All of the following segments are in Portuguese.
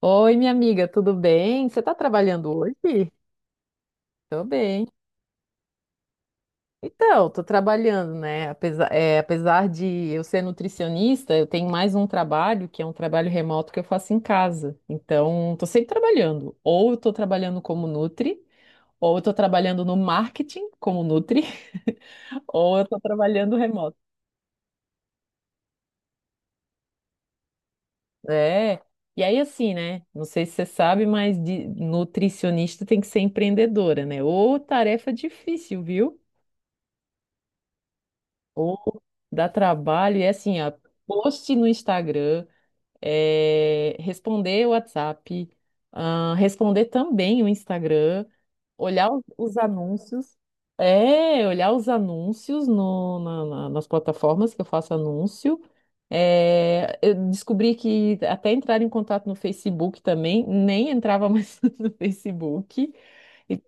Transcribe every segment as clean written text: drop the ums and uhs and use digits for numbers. Oi, minha amiga, tudo bem? Você está trabalhando hoje? Tô bem. Então, tô trabalhando, né? Apesar, apesar de eu ser nutricionista, eu tenho mais um trabalho, que é um trabalho remoto que eu faço em casa. Então, tô sempre trabalhando. Ou eu tô trabalhando como Nutri, ou eu tô trabalhando no marketing como Nutri, ou eu tô trabalhando remoto. É. E aí, assim, né? Não sei se você sabe, mas de nutricionista tem que ser empreendedora, né? Ô, tarefa difícil, viu? Ou dá trabalho, e é assim, ó, post no Instagram, responder o WhatsApp, ah, responder também o Instagram, olhar os anúncios, é, olhar os anúncios no, na- na- nas plataformas que eu faço anúncio. Eu descobri que até entrar em contato no Facebook também, nem entrava mais no Facebook. E,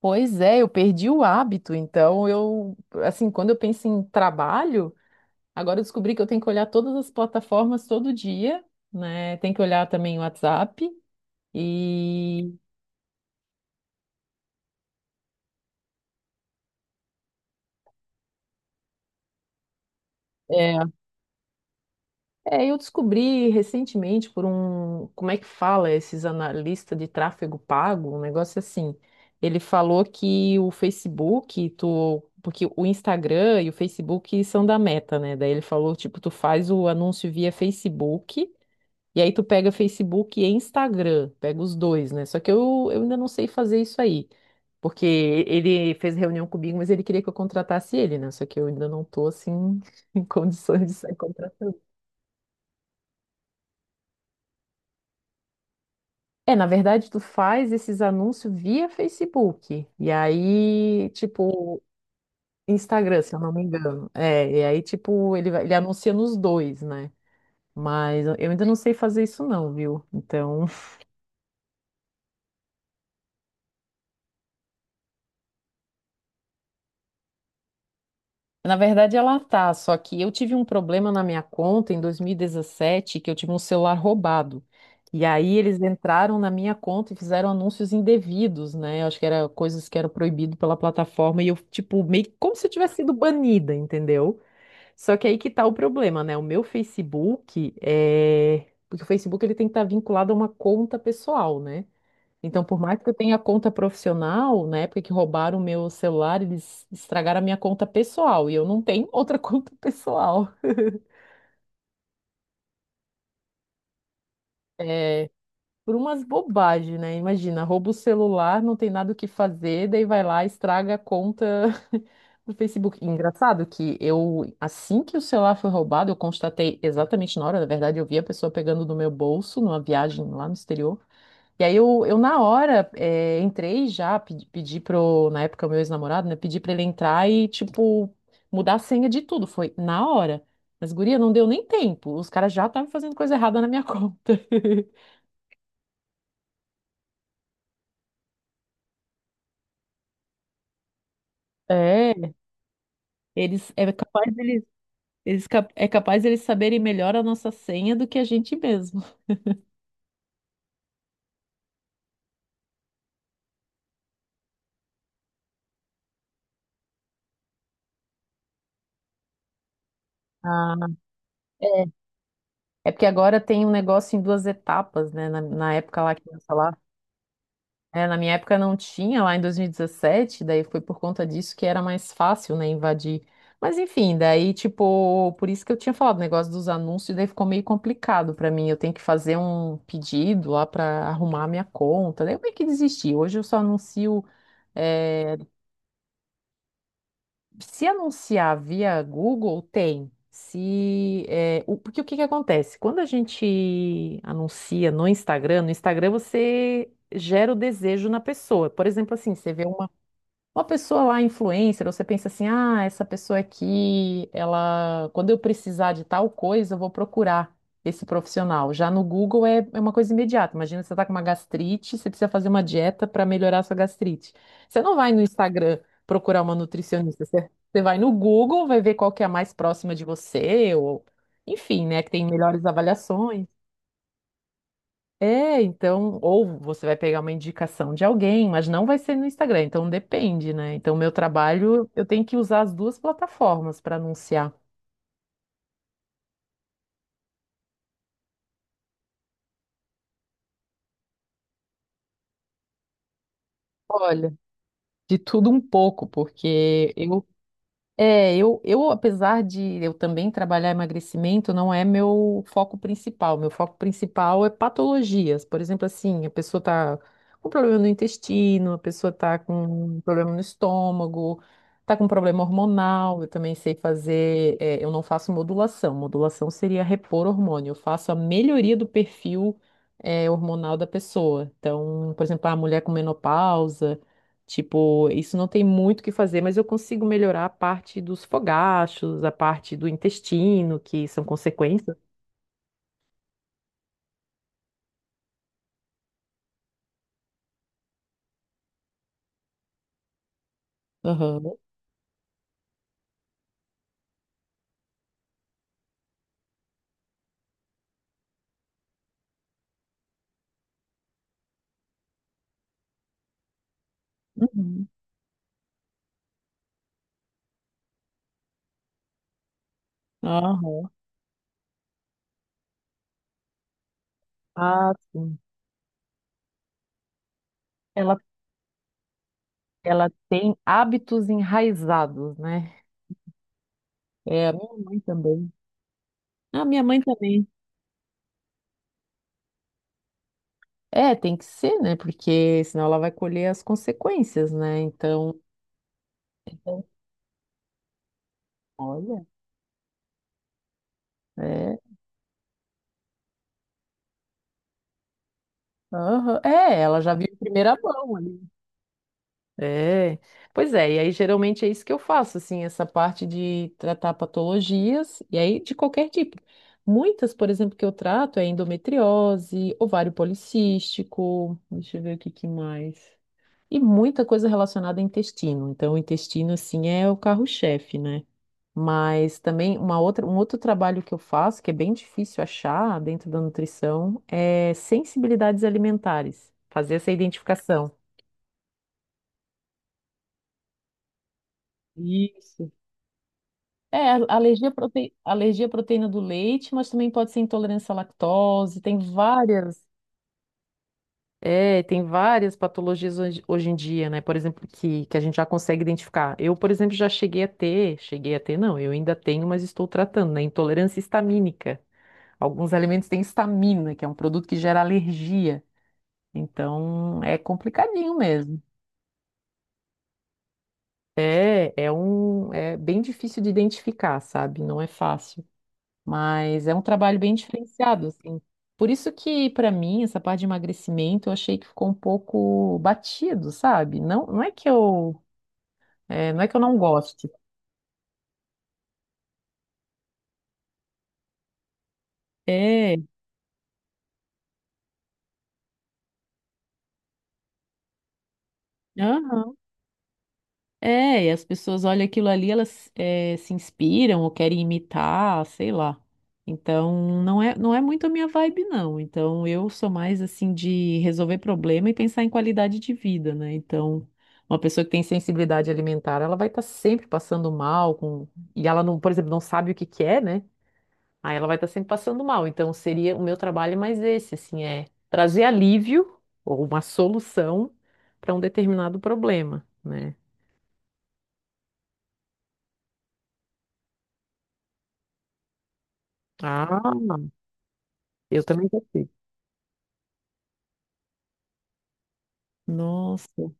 pois é, eu perdi o hábito, então eu, assim, quando eu penso em trabalho. Agora eu descobri que eu tenho que olhar todas as plataformas todo dia, né? Tem que olhar também o WhatsApp. E é, eu descobri recentemente por um, como é que fala esses analistas de tráfego pago, um negócio assim. Ele falou que o Facebook, tu, porque o Instagram e o Facebook são da Meta, né? Daí ele falou, tipo, tu faz o anúncio via Facebook. E aí tu pega Facebook e Instagram, pega os dois, né? Só que eu ainda não sei fazer isso aí. Porque ele fez reunião comigo, mas ele queria que eu contratasse ele, né? Só que eu ainda não tô assim em condições de sair contratando. É, na verdade, tu faz esses anúncios via Facebook. E aí, tipo, Instagram, se eu não me engano. É, e aí, tipo, ele, ele anuncia nos dois, né? Mas eu ainda não sei fazer isso, não, viu? Então, na verdade, ela tá, só que eu tive um problema na minha conta em 2017, que eu tive um celular roubado. E aí eles entraram na minha conta e fizeram anúncios indevidos, né? Eu acho que era coisas que eram proibido pela plataforma e eu, tipo, meio que como se eu tivesse sido banida, entendeu? Só que aí que tá o problema, né? O meu Facebook é... Porque o Facebook ele tem que estar vinculado a uma conta pessoal, né? Então, por mais que eu tenha conta profissional, na época que roubaram o meu celular, eles estragaram a minha conta pessoal e eu não tenho outra conta pessoal. É, por umas bobagens, né? Imagina, rouba o celular, não tem nada o que fazer, daí vai lá, estraga a conta do Facebook. Engraçado que eu, assim que o celular foi roubado, eu constatei exatamente na hora, na verdade, eu vi a pessoa pegando do meu bolso numa viagem lá no exterior. E aí eu, na hora entrei já, pedi pro, na época, meu ex-namorado, né? Pedi pra ele entrar e, tipo, mudar a senha de tudo. Foi na hora. Mas, guria, não deu nem tempo. Os caras já estavam fazendo coisa errada na minha conta. É, eles é capaz deles, é capaz deles saberem melhor a nossa senha do que a gente mesmo. Ah, é. É porque agora tem um negócio em duas etapas, né? Na época lá que lançou. É, na minha época não tinha, lá em 2017, daí foi por conta disso que era mais fácil, né, invadir. Mas enfim, daí, tipo, por isso que eu tinha falado o negócio dos anúncios, daí ficou meio complicado pra mim. Eu tenho que fazer um pedido lá pra arrumar a minha conta. Daí eu meio que desisti. Hoje eu só anuncio. eh, Se anunciar via Google, tem. Se, porque o que que acontece? Quando a gente anuncia no Instagram, no Instagram você gera o desejo na pessoa. Por exemplo, assim, você vê uma pessoa lá, influencer, você pensa assim, ah, essa pessoa aqui, ela, quando eu precisar de tal coisa, eu vou procurar esse profissional. Já no Google é uma coisa imediata. Imagina você está com uma gastrite, você precisa fazer uma dieta para melhorar a sua gastrite. Você não vai no Instagram procurar uma nutricionista, você vai no Google, vai ver qual que é a mais próxima de você, ou enfim, né, que tem melhores avaliações. É, então, ou você vai pegar uma indicação de alguém, mas não vai ser no Instagram, então depende, né? Então, meu trabalho, eu tenho que usar as duas plataformas para anunciar. Olha, de tudo um pouco, porque eu é, apesar de eu também trabalhar emagrecimento, não é meu foco principal. Meu foco principal é patologias. Por exemplo, assim, a pessoa tá com problema no intestino, a pessoa tá com problema no estômago, tá com problema hormonal. Eu também sei fazer, é, eu não faço modulação. Modulação seria repor hormônio. Eu faço a melhoria do perfil, é, hormonal da pessoa. Então, por exemplo, a mulher com menopausa. Tipo, isso não tem muito o que fazer, mas eu consigo melhorar a parte dos fogachos, a parte do intestino, que são consequências. Aham. Uhum. Aham. Ah, sim. Ela, ela tem hábitos enraizados, né? É, a minha mãe também. A minha mãe também. É, tem que ser, né? Porque senão ela vai colher as consequências, né? Então, olha, é, aham. É, ela já viu em primeira mão. É, pois é, e aí geralmente é isso que eu faço, assim, essa parte de tratar patologias, e aí de qualquer tipo. Muitas, por exemplo, que eu trato é endometriose, ovário policístico, deixa eu ver o que que mais. E muita coisa relacionada ao intestino. Então, o intestino, assim, é o carro-chefe, né? Mas também um outro trabalho que eu faço, que é bem difícil achar dentro da nutrição, é sensibilidades alimentares, fazer essa identificação. Isso. É, alergia alergia à proteína do leite, mas também pode ser intolerância à lactose, tem várias, é, tem várias patologias hoje em dia, né? Por exemplo, que a gente já consegue identificar. Eu, por exemplo, já cheguei a ter, não, eu ainda tenho, mas estou tratando, né? Intolerância histamínica. Alguns alimentos têm histamina, que é um produto que gera alergia. Então, é complicadinho mesmo. É, é bem difícil de identificar, sabe? Não é fácil. Mas é um trabalho bem diferenciado, assim. Por isso que, para mim, essa parte de emagrecimento, eu achei que ficou um pouco batido, sabe? Não, não é que eu, é, não é que eu não goste. É, aham. É, e as pessoas olham aquilo ali, elas se inspiram ou querem imitar, sei lá. Então, não é muito a minha vibe, não. Então, eu sou mais assim de resolver problema e pensar em qualidade de vida, né? Então, uma pessoa que tem sensibilidade alimentar, ela vai estar sempre passando mal com... e ela não, por exemplo, não sabe o que que é, né? Aí ela vai estar sempre passando mal. Então, seria o meu trabalho é mais esse, assim, é trazer alívio ou uma solução para um determinado problema, né? Ah, eu também gostei. Nossa,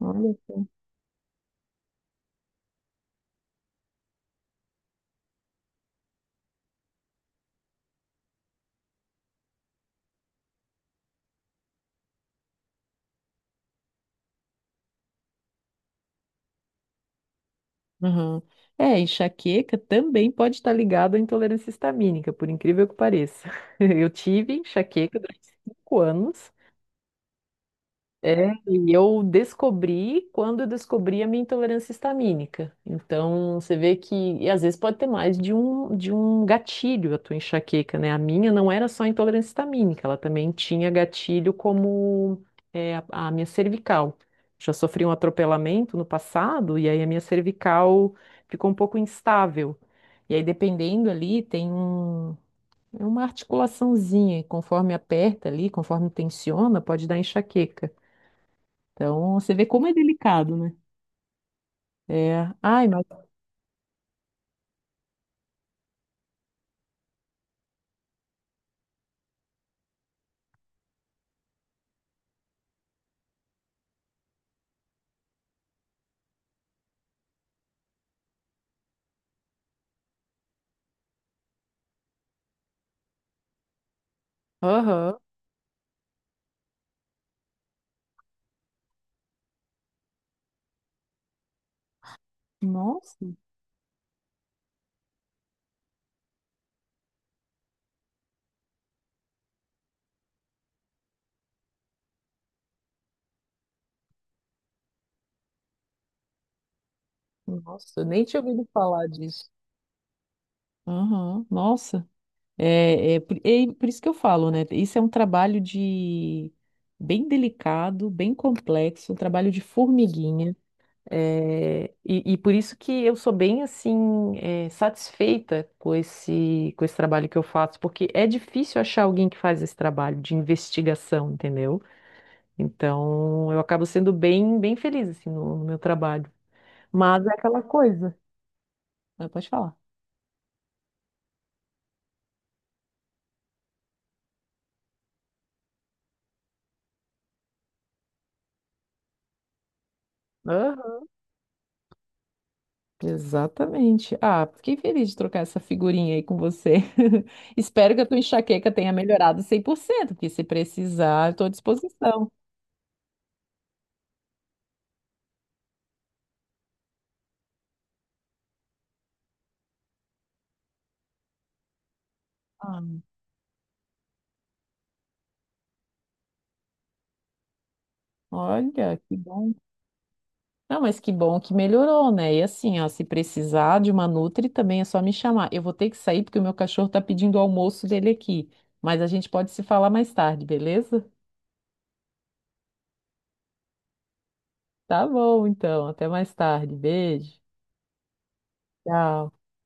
olha só. Aham. É, enxaqueca também pode estar ligado à intolerância histamínica, por incrível que pareça. Eu tive enxaqueca durante 5 anos. É, e eu descobri quando eu descobri a minha intolerância histamínica. Então, você vê que, e às vezes pode ter mais de de um gatilho a tua enxaqueca, né? A minha não era só intolerância histamínica, ela também tinha gatilho como é, a minha cervical. Já sofri um atropelamento no passado e aí a minha cervical ficou um pouco instável. E aí, dependendo ali, é uma articulaçãozinha, e conforme aperta ali, conforme tensiona, pode dar enxaqueca. Então, você vê como é delicado, né? É. Ai, mas. Aham. Nossa, nossa, eu nem tinha ouvido falar disso. Aham, nossa. É por isso que eu falo, né? Isso é um trabalho de bem delicado, bem complexo, um trabalho de formiguinha. É, e por isso que eu sou bem assim, é, satisfeita com com esse trabalho que eu faço, porque é difícil achar alguém que faz esse trabalho de investigação, entendeu? Então, eu acabo sendo bem feliz assim no meu trabalho. Mas é aquela coisa. Ah, pode falar. Aham. Exatamente. Ah, fiquei feliz de trocar essa figurinha aí com você. Espero que a tua enxaqueca tenha melhorado 100%. Porque se precisar, estou à disposição. Ah, olha, que bom. Não, mas que bom que melhorou, né? E assim, ó, se precisar de uma nutri também é só me chamar. Eu vou ter que sair porque o meu cachorro tá pedindo o almoço dele aqui. Mas a gente pode se falar mais tarde, beleza? Tá bom, então. Até mais tarde. Beijo. Tchau.